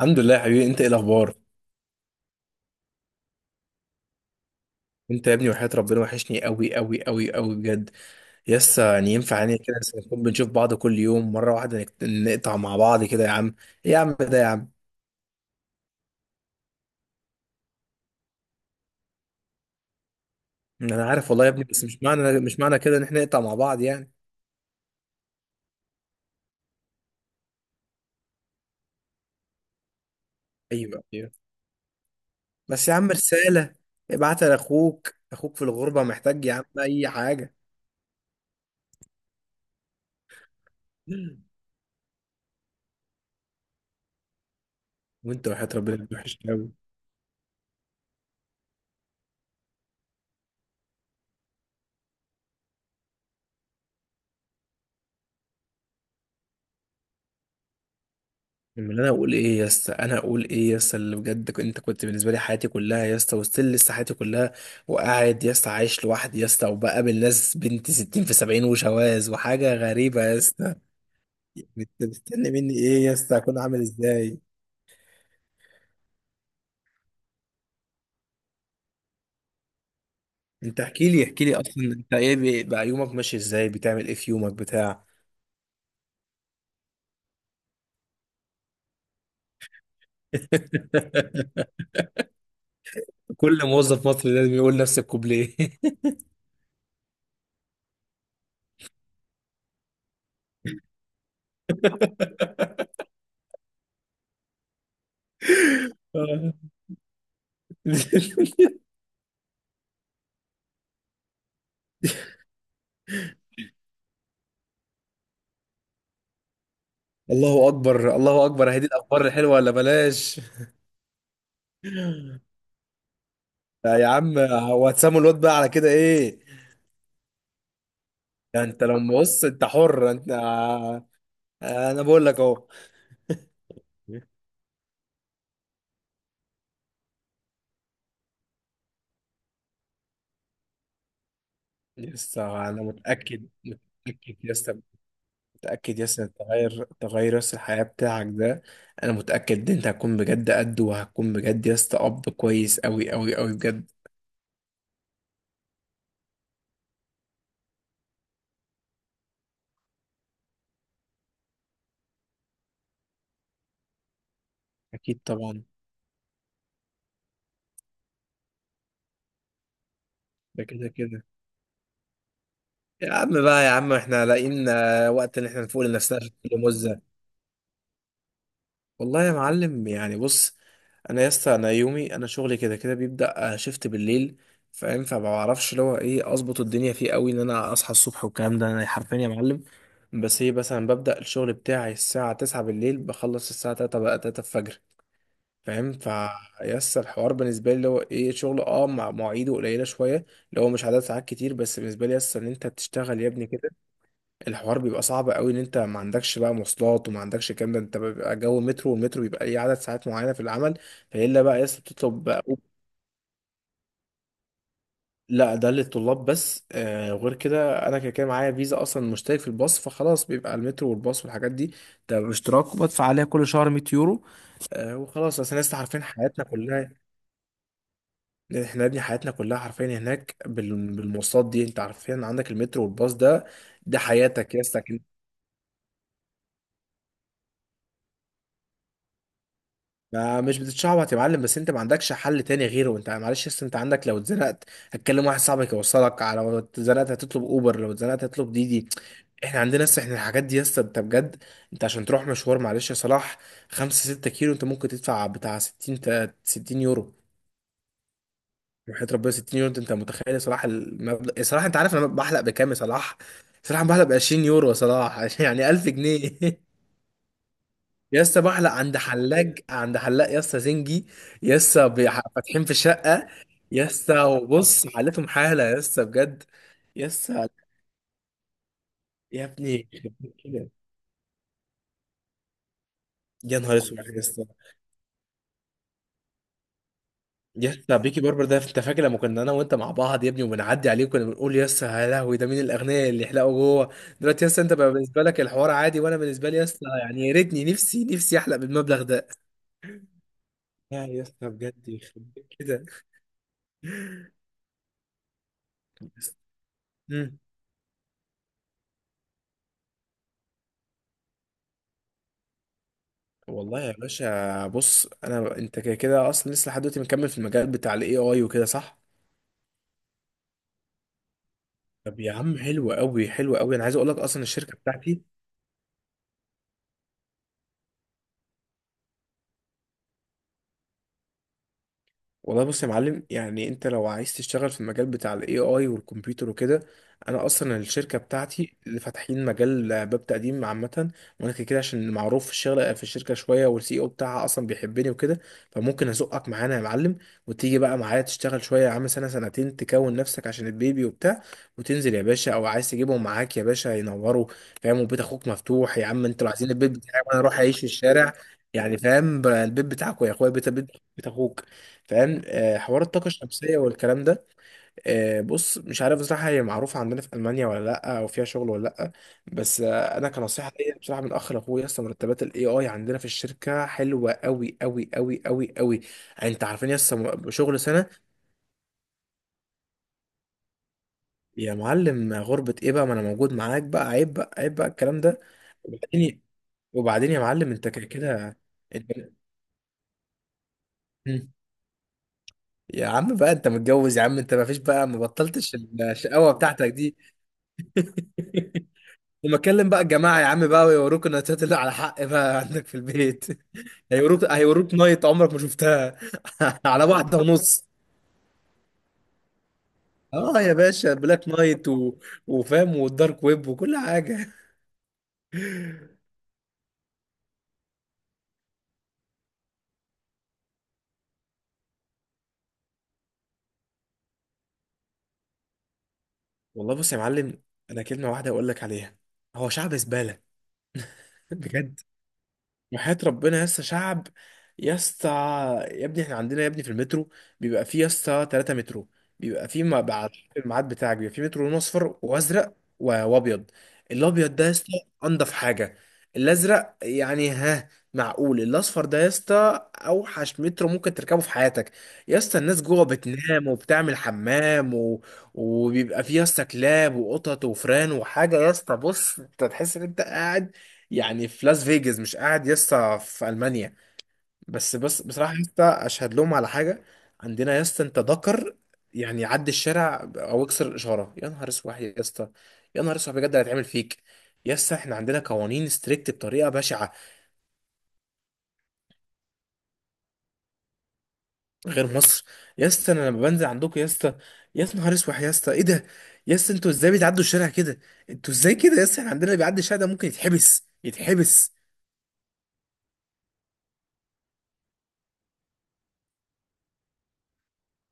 الحمد لله يا حبيبي، انت ايه الاخبار؟ انت يا ابني وحياة ربنا وحشني قوي قوي قوي قوي بجد. يسا يعني ينفع يعني كده، بس نكون بنشوف بعض كل يوم مره واحده، نقطع مع بعض كده يا عم. ايه يا عم، ده يا عم. انا عارف والله يا ابني، بس مش معنى كده ان احنا نقطع مع بعض يعني. ايوه ايوه. بس يا عم، رساله ابعتها لاخوك، اخوك في الغربه محتاج يا عم اي حاجه. وانت وحياة ربنا وحشني قوي. لما انا اقول ايه يا اسطى انا اقول ايه يا اسطى، اللي بجد انت كنت بالنسبه لي حياتي كلها يا اسطى، وستيل لسه حياتي كلها. وقاعد يا اسطى عايش لوحدي يا اسطى، وبقابل ناس بنت 60 في 70، وشواذ وحاجه غريبه يا اسطى. انت مستني مني ايه يا اسطى؟ اكون عامل ازاي؟ انت احكي لي احكي لي، اصلا انت ايه بقى، يومك ماشي ازاي، بتعمل ايه في يومك بتاع. كل موظف مصري لازم يقول نفس الكوبليه. الله اكبر، الله اكبر، هذه الاخبار الحلوه ولا بلاش؟ لا يا عم، هو هتسموا الواد بقى على كده ايه؟ ده انت لما بص، انت حر انت. انا بقول لك اهو. يس، انا متاكد. متاكد يس، متاكد يس، إن تغير تغير يس الحياه بتاعك ده. انا متاكد ان انت هتكون بجد قد، وهتكون بجد يس اب كويس قوي قوي قوي بجد. اكيد طبعا. ده كده كده يا عم بقى، يا عم احنا لاقيين وقت ان احنا نفوق لنفسنا في الموزة؟ والله يا معلم يعني بص، انا يا اسطى انا يومي انا شغلي كده كده بيبدا شيفت بالليل. فاهم، فما بعرفش اللي هو ايه، اظبط الدنيا فيه قوي ان انا اصحى الصبح والكلام ده. انا حرفيا يا معلم، بس هي مثلا ببدا الشغل بتاعي الساعه 9 بالليل، بخلص الساعه 3، بقى 3 الفجر. فاهم. يا اسطى، الحوار بالنسبه لي اللي هو ايه، شغل مع مواعيده قليله شويه، اللي هو مش عدد ساعات كتير، بس بالنسبه لي يا اسطى ان انت تشتغل يا ابني كده، الحوار بيبقى صعب قوي ان انت ما عندكش بقى مواصلات وما عندكش الكلام ده. انت بيبقى جو مترو، والمترو بيبقى ليه عدد ساعات معينه في العمل. فالا بقى يا اسطى بتطلب بقى لا، ده للطلاب بس. وغير كده انا كده كده معايا فيزا، اصلا مشترك في الباص، فخلاص بيبقى المترو والباص والحاجات دي. ده باشتراك وبدفع عليها كل شهر 100 يورو. وخلاص، اصل الناس عارفين حياتنا كلها. احنا يا ابني حياتنا كلها حرفيا هناك بالمواصلات دي، انت عارفين، عندك المترو والباص ده. ده حياتك يا اسطى. ما مش بتتشعبط يا معلم، بس انت ما عندكش حل تاني غيره. انت معلش، اصل انت عندك لو اتزنقت هتكلم واحد صاحبك يوصلك على، لو اتزنقت هتطلب اوبر، لو اتزنقت هتطلب ديدي. احنا عندنا لسه احنا الحاجات دي. يس، انت بجد. انت عشان تروح مشوار معلش يا صلاح، 5 6 كيلو انت ممكن تدفع بتاع 60 يورو. وحياة ربنا 60 يورو، انت متخيل يا صلاح المبلغ يا صلاح؟ انت عارف انا بحلق بكام يا صلاح؟ صلاح، أنا بحلق ب 20 يورو يا صلاح، يعني 1000 جنيه. يا اسطى بحلق عند حلاج عند حلاق يا اسطى زنجي. يا اسطى فاتحين في شقه. يا اسطى، وبص حالتهم حاله يا اسطى بجد. يا اسطى، يا ابني، يا نهار اسود يا اسطى. يا اسطى بيكي باربر ده، انت فاكر لما كنا انا وانت مع بعض يا ابني وبنعدي عليه كنا بنقول يا اسطى يا لهوي، ده مين الاغنياء اللي يحلقوا جوه؟ دلوقتي يا اسطى انت بقى بالنسبه لك الحوار عادي، وانا بالنسبه لي يا اسطى يعني، يا ريتني نفسي نفسي احلق بالمبلغ ده. يا اسطى بجد يخرب بيت كده. والله يا باشا بص، انا انت كده كده اصلا لسه لحد دلوقتي مكمل في المجال بتاع الاي اي وكده، صح؟ طب يا عم حلو قوي حلو قوي، انا عايز اقول لك اصلا الشركه بتاعتي، والله بص يا معلم يعني انت لو عايز تشتغل في المجال بتاع الاي اي والكمبيوتر وكده، انا اصلا الشركه بتاعتي اللي فاتحين مجال باب تقديم عامه. وانا كده كده عشان معروف في الشغل في الشركه شويه، والسي او بتاعها اصلا بيحبني وكده، فممكن ازقك معانا يا معلم. وتيجي بقى معايا تشتغل شويه يا عم، سنه سنتين تكون نفسك عشان البيبي وبتاع، وتنزل يا باشا، او عايز تجيبهم معاك يا باشا ينوروا. فاهم، وبيت اخوك مفتوح يا عم، انتوا لو عايزين البيت بتاعي وانا اروح اعيش في الشارع يعني. فاهم، البيت بتاعكوا يا اخويا بيت بيت، بيت اخوك. فاهم، حوار الطاقة الشمسية والكلام ده، بص مش عارف بصراحة هي معروفة عندنا في ألمانيا ولا لأ، أو فيها شغل ولا لأ. بس أنا كنصيحة ليا بصراحة من أخ لأخويا، أصلا مرتبات ال AI عندنا في الشركة حلوة أوي أوي أوي أوي أوي. يعني أنت عارفين لسه شغل سنة. يا معلم غربة إيه بقى، ما أنا موجود معاك بقى، عيب بقى، عيب بقى الكلام ده. وبعدين، يا معلم أنت كده كده، أنت. مم. يا عم بقى أنت متجوز يا عم، أنت ما فيش بقى، ما بطلتش الشقاوة بتاعتك دي. وما كلم بقى الجماعة يا عم بقى، ويوروك النايتات اللي على حق بقى عندك في البيت. هيوروك هيوروك نايت عمرك ما شفتها، على واحدة ونص. اه يا باشا بلاك نايت، وفام والدارك ويب، وكل حاجة. والله بص يا معلم، انا كلمة واحدة اقول لك عليها، هو شعب زبالة. بجد، وحياة ربنا يا اسطى شعب. يا اسطى، يا ابني احنا عندنا يا ابني في المترو بيبقى فيه يا اسطى 3 مترو. بيبقى فيه، ما بعد الميعاد بتاعك بيبقى فيه مترو لون اصفر وازرق وابيض. الابيض ده يا اسطى انضف حاجه. الازرق يعني ها، معقول. الاصفر ده يا اسطى اوحش مترو ممكن تركبه في حياتك. يا اسطى الناس جوه بتنام وبتعمل حمام وبيبقى فيه يا اسطى كلاب وقطط وفران وحاجه، يا اسطى بص انت تحس ان انت قاعد يعني في لاس فيجاس، مش قاعد يسطا في المانيا. بس بصراحه يسطا اشهد لهم على حاجه، عندنا يسطا انت ذكر، يعني عدي الشارع او اكسر الاشاره يا نهار اسود يا اسطى. يا نهار اسود بجد اللي هيتعمل فيك. يا اسطى احنا عندنا قوانين ستريكت بطريقه بشعه. غير مصر. يا اسطى انا لما بنزل عندكم يا اسطى، يا نهار اسود يا اسطى ايه ده. يا اسطى انتوا ازاي بتعدوا الشارع كده؟ انتوا ازاي كده يا اسطى، احنا عندنا اللي بيعدي الشارع ده ممكن يتحبس يتحبس.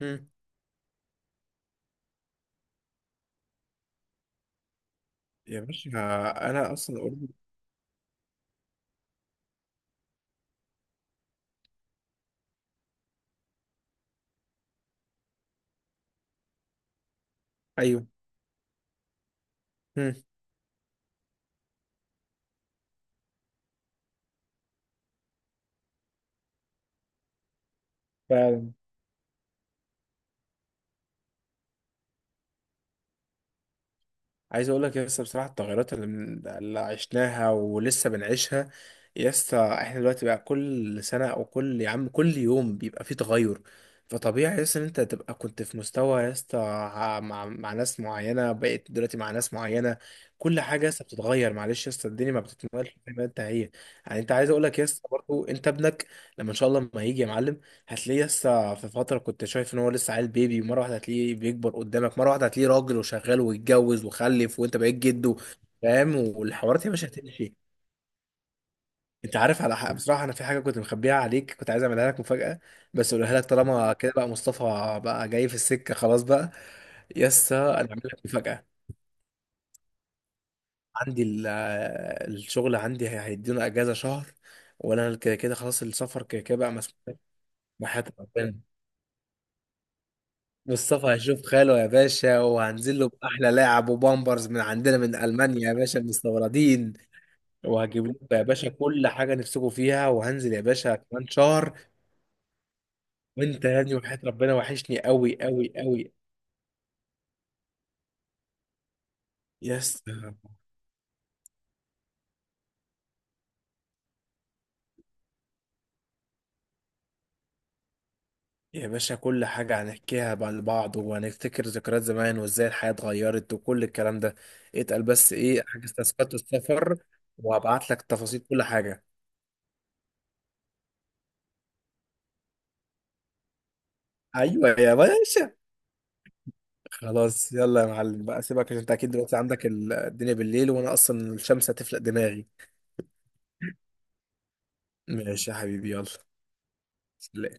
مم. يا باشا، انا اصلا اوريدي. ايوه. مم. فعلا. عايز اقول لك يا اسطى بصراحه التغيرات اللي عشناها ولسه بنعيشها، يا اسطى احنا دلوقتي بقى كل سنه او كل، يا عم، كل يوم بيبقى فيه تغير. فطبيعي يا اسطى ان انت تبقى كنت في مستوى يا اسطى مع ناس معينه، بقيت دلوقتي مع ناس معينه. كل حاجه يا اسطى بتتغير، معلش يا اسطى الدنيا ما بتتمالش زي ما انت هي. يعني انت عايز اقول لك يا اسطى برضه، انت ابنك لما ان شاء الله ما هيجي يا معلم، هتلاقيه لسه في فترة كنت شايف ان هو لسه عيل بيبي، ومرة واحدة هتلاقيه بيكبر قدامك، مرة واحدة هتلاقيه راجل وشغال ويتجوز وخلف وانت بقيت جده. فاهم، والحوارات يا باشا هتمشي. انت عارف، على حق بصراحة انا في حاجة كنت مخبيها عليك، كنت عايز اعملها لك مفاجأة، بس اقولها لك طالما كده بقى، مصطفى بقى جاي في السكة خلاص بقى. يسا، انا اعمل لك مفاجأة. عندي الشغل عندي هيدونا اجازة شهر، وانا كده كده خلاص السفر كده كده بقى مسموح. بحياة ربنا، مصطفى هيشوف خاله يا باشا، وهنزل له بأحلى لاعب وبامبرز من عندنا من ألمانيا يا باشا مستوردين. وهجيب لكم يا باشا كل حاجة نفسكم فيها، وهنزل يا باشا كمان شهر. وانت يا ابني وحياة ربنا وحشني قوي قوي قوي. يس يا باشا، كل حاجة هنحكيها بقى لبعض، وهنفتكر ذكريات زمان وازاي الحياة اتغيرت وكل الكلام ده. اتقل بس ايه، حاجز تذكرة السفر، وهبعت لك تفاصيل كل حاجة. ايوه يا باشا. خلاص يلا يا معلم بقى، سيبك، عشان انت اكيد دلوقتي عندك الدنيا بالليل، وانا اصلا الشمس هتفلق دماغي. ماشي يا حبيبي، يلا سلام.